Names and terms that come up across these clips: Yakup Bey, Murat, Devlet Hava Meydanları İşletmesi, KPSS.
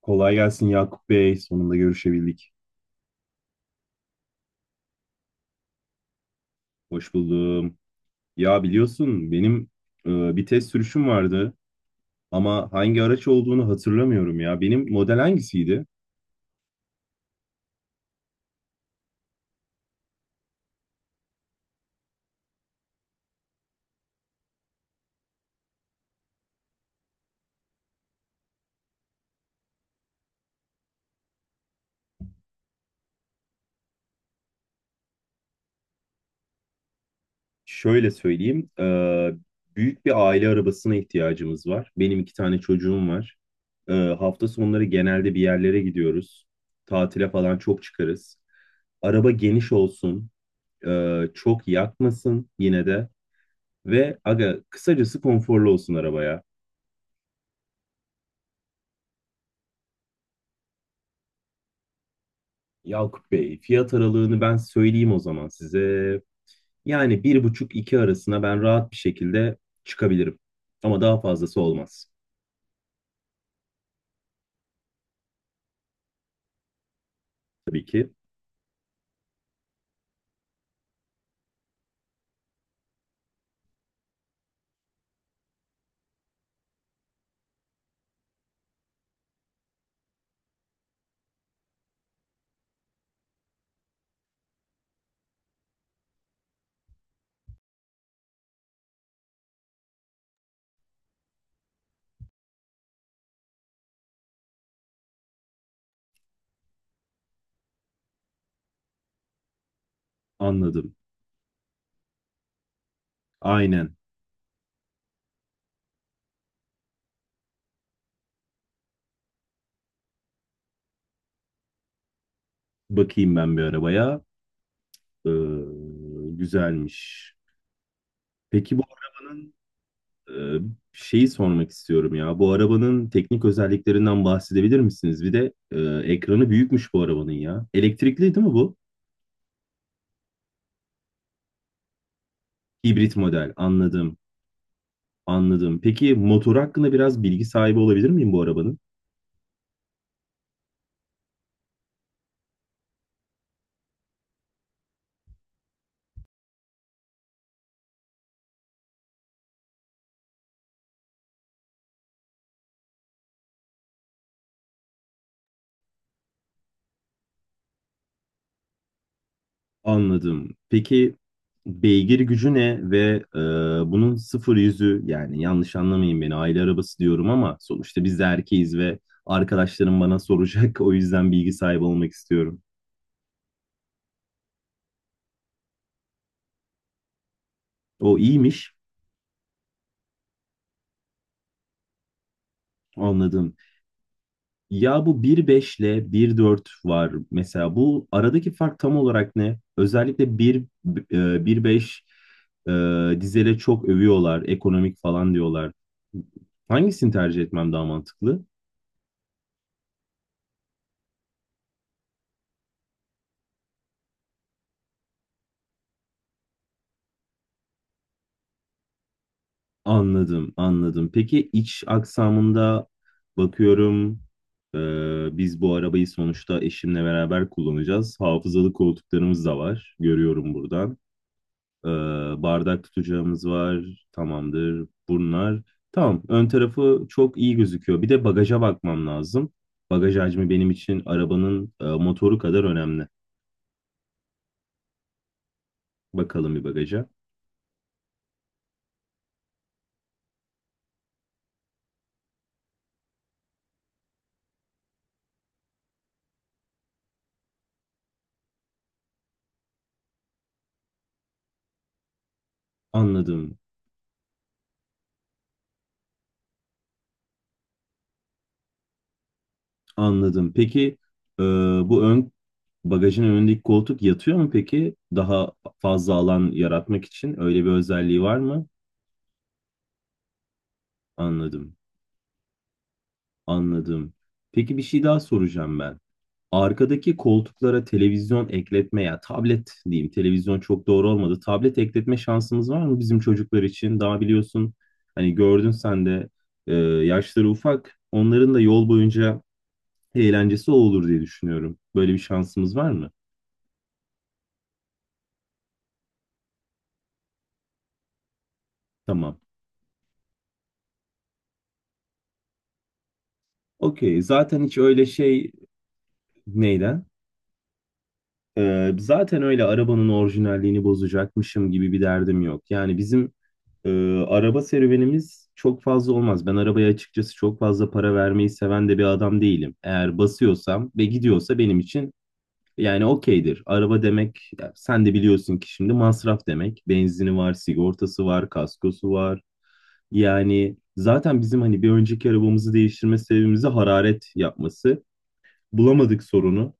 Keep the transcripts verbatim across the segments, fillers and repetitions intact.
Kolay gelsin Yakup Bey. Sonunda görüşebildik. Hoş buldum. Ya biliyorsun benim e, bir test sürüşüm vardı ama hangi araç olduğunu hatırlamıyorum ya. Benim model hangisiydi? Şöyle söyleyeyim. E, büyük bir aile arabasına ihtiyacımız var. Benim iki tane çocuğum var. E, hafta sonları genelde bir yerlere gidiyoruz. Tatile falan çok çıkarız. Araba geniş olsun. E, çok yakmasın yine de. Ve aga kısacası konforlu olsun arabaya. Yakup Bey, fiyat aralığını ben söyleyeyim o zaman size. Yani bir buçuk iki arasına ben rahat bir şekilde çıkabilirim. Ama daha fazlası olmaz. Tabii ki. Anladım. Aynen. Bakayım ben bir arabaya. Ee, Güzelmiş. Peki bu arabanın e, şeyi sormak istiyorum ya. Bu arabanın teknik özelliklerinden bahsedebilir misiniz? Bir de e, ekranı büyükmüş bu arabanın ya. Elektrikli değil mi bu? Hibrit model. Anladım. Anladım. Peki motor hakkında biraz bilgi sahibi olabilir miyim bu arabanın? Anladım. Peki beygir gücü ne ve e, bunun sıfır yüzü yani yanlış anlamayın beni aile arabası diyorum ama sonuçta biz de erkeğiz ve arkadaşlarım bana soracak o yüzden bilgi sahibi olmak istiyorum. O iyiymiş. Anladım. Ya bu bir nokta beş ile bir dört var mesela. Bu aradaki fark tam olarak ne? Özellikle bir e, bir beş e, dizele çok övüyorlar, ekonomik falan diyorlar. Hangisini tercih etmem daha mantıklı? Anladım, anladım. Peki iç aksamında bakıyorum e, biz bu arabayı sonuçta eşimle beraber kullanacağız. Hafızalı koltuklarımız da var. Görüyorum buradan. Ee, Bardak tutacağımız var. Tamamdır. Bunlar. Tamam. Ön tarafı çok iyi gözüküyor. Bir de bagaja bakmam lazım. Bagaj hacmi benim için arabanın e, motoru kadar önemli. Bakalım bir bagaja. Anladım. Anladım. Peki e, bu ön bagajın önündeki koltuk yatıyor mu peki? Daha fazla alan yaratmak için öyle bir özelliği var mı? Anladım. Anladım. Peki bir şey daha soracağım ben. Arkadaki koltuklara televizyon ekletme ya tablet diyeyim, televizyon çok doğru olmadı. Tablet ekletme şansımız var mı bizim çocuklar için? Daha biliyorsun hani gördün sen de e, yaşları ufak onların da yol boyunca eğlencesi o olur diye düşünüyorum. Böyle bir şansımız var mı? Tamam. Okey zaten hiç öyle şey neyden? E, zaten öyle arabanın orijinalliğini bozacakmışım gibi bir derdim yok. Yani bizim Ee, araba serüvenimiz çok fazla olmaz. Ben arabaya açıkçası çok fazla para vermeyi seven de bir adam değilim. Eğer basıyorsam ve gidiyorsa benim için yani okeydir. Araba demek, ya sen de biliyorsun ki, şimdi masraf demek. Benzini var, sigortası var, kaskosu var. Yani zaten bizim hani bir önceki arabamızı değiştirme sebebimizi hararet yapması. Bulamadık sorunu.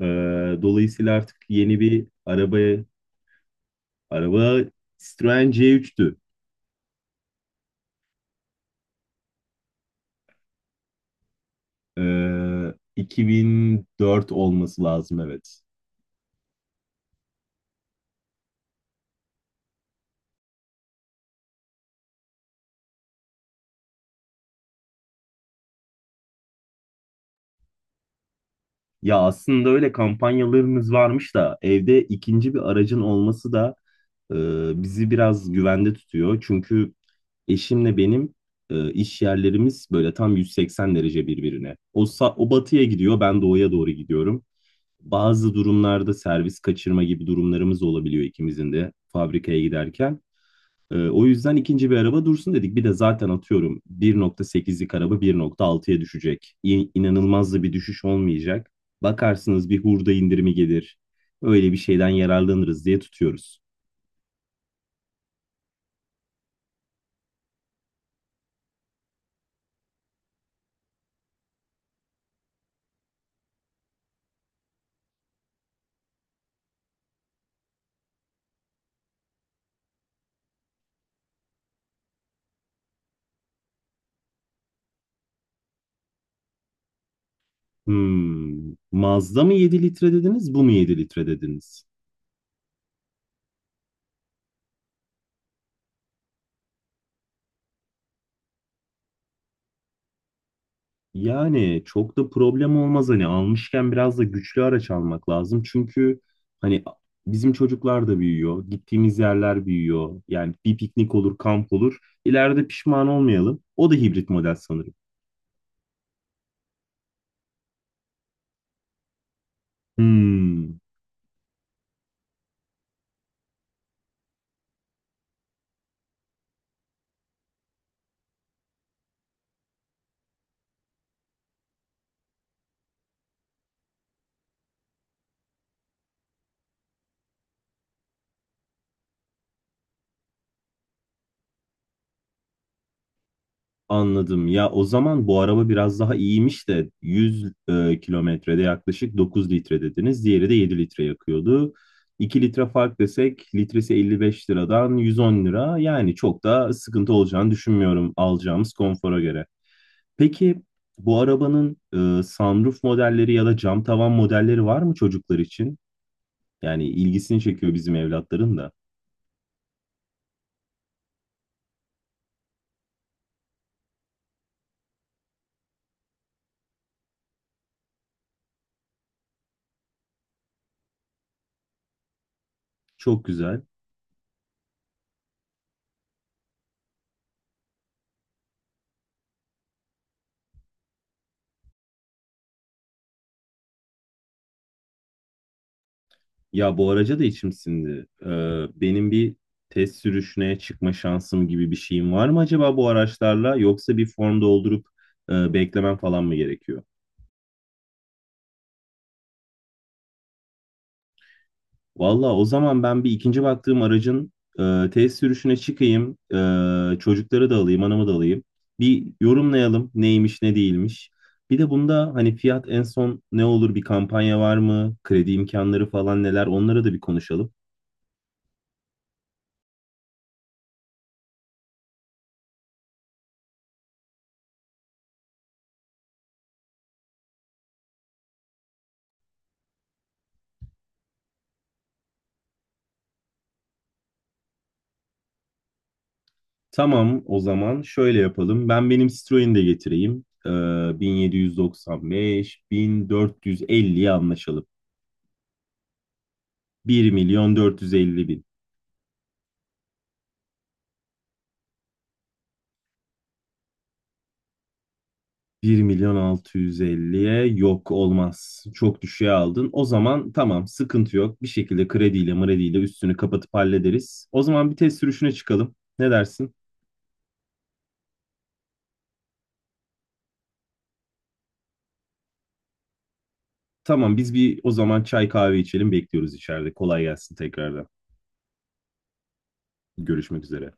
Ee, Dolayısıyla artık yeni bir arabaya, araba Citroen C üç'tü. Ee, iki bin dört olması lazım, evet. Ya aslında öyle kampanyalarımız varmış da evde ikinci bir aracın olması da e, bizi biraz güvende tutuyor. Çünkü eşimle benim e, iş yerlerimiz böyle tam yüz seksen derece birbirine. O, sa- o batıya gidiyor, ben doğuya doğru gidiyorum. Bazı durumlarda servis kaçırma gibi durumlarımız olabiliyor ikimizin de fabrikaya giderken. Ee, o yüzden ikinci bir araba dursun dedik. Bir de zaten atıyorum bir nokta sekizlik araba bir nokta altıya düşecek. İ- İnanılmaz da bir düşüş olmayacak. Bakarsınız bir hurda indirimi gelir. Öyle bir şeyden yararlanırız diye tutuyoruz. Hmm. Mazda mı yedi litre dediniz, bu mu yedi litre dediniz? Yani çok da problem olmaz, hani almışken biraz da güçlü araç almak lazım. Çünkü hani bizim çocuklar da büyüyor, gittiğimiz yerler büyüyor. Yani bir piknik olur, kamp olur. İleride pişman olmayalım. O da hibrit model sanırım. Hmm. Anladım. Ya o zaman bu araba biraz daha iyiymiş de yüz e, kilometrede yaklaşık dokuz litre dediniz. Diğeri de yedi litre yakıyordu. iki litre fark desek litresi elli beş liradan yüz on lira. Yani çok da sıkıntı olacağını düşünmüyorum alacağımız konfora göre. Peki bu arabanın e, sunroof modelleri ya da cam tavan modelleri var mı çocuklar için? Yani ilgisini çekiyor bizim evlatların da. Çok güzel. Ya bu araca da içim sindi. Ee, benim bir test sürüşüne çıkma şansım gibi bir şeyim var mı acaba bu araçlarla, yoksa bir form doldurup e, beklemem falan mı gerekiyor? Valla o zaman ben bir ikinci baktığım aracın e, test sürüşüne çıkayım, e, çocukları da alayım, anamı da alayım. Bir yorumlayalım neymiş ne değilmiş. Bir de bunda hani fiyat en son ne olur, bir kampanya var mı? Kredi imkanları falan neler, onları da bir konuşalım. Tamam o zaman şöyle yapalım. Ben benim Citroen'i de getireyim. Ee, bin yedi yüz doksan beş bin dört yüz elliye anlaşalım. bir milyon dört yüz elli bin. bir milyon altı yüz elliye yok olmaz. Çok düşüğe aldın. O zaman tamam, sıkıntı yok. Bir şekilde krediyle mrediyle üstünü kapatıp hallederiz. O zaman bir test sürüşüne çıkalım. Ne dersin? Tamam, biz bir o zaman çay kahve içelim, bekliyoruz içeride. Kolay gelsin tekrardan. Görüşmek üzere.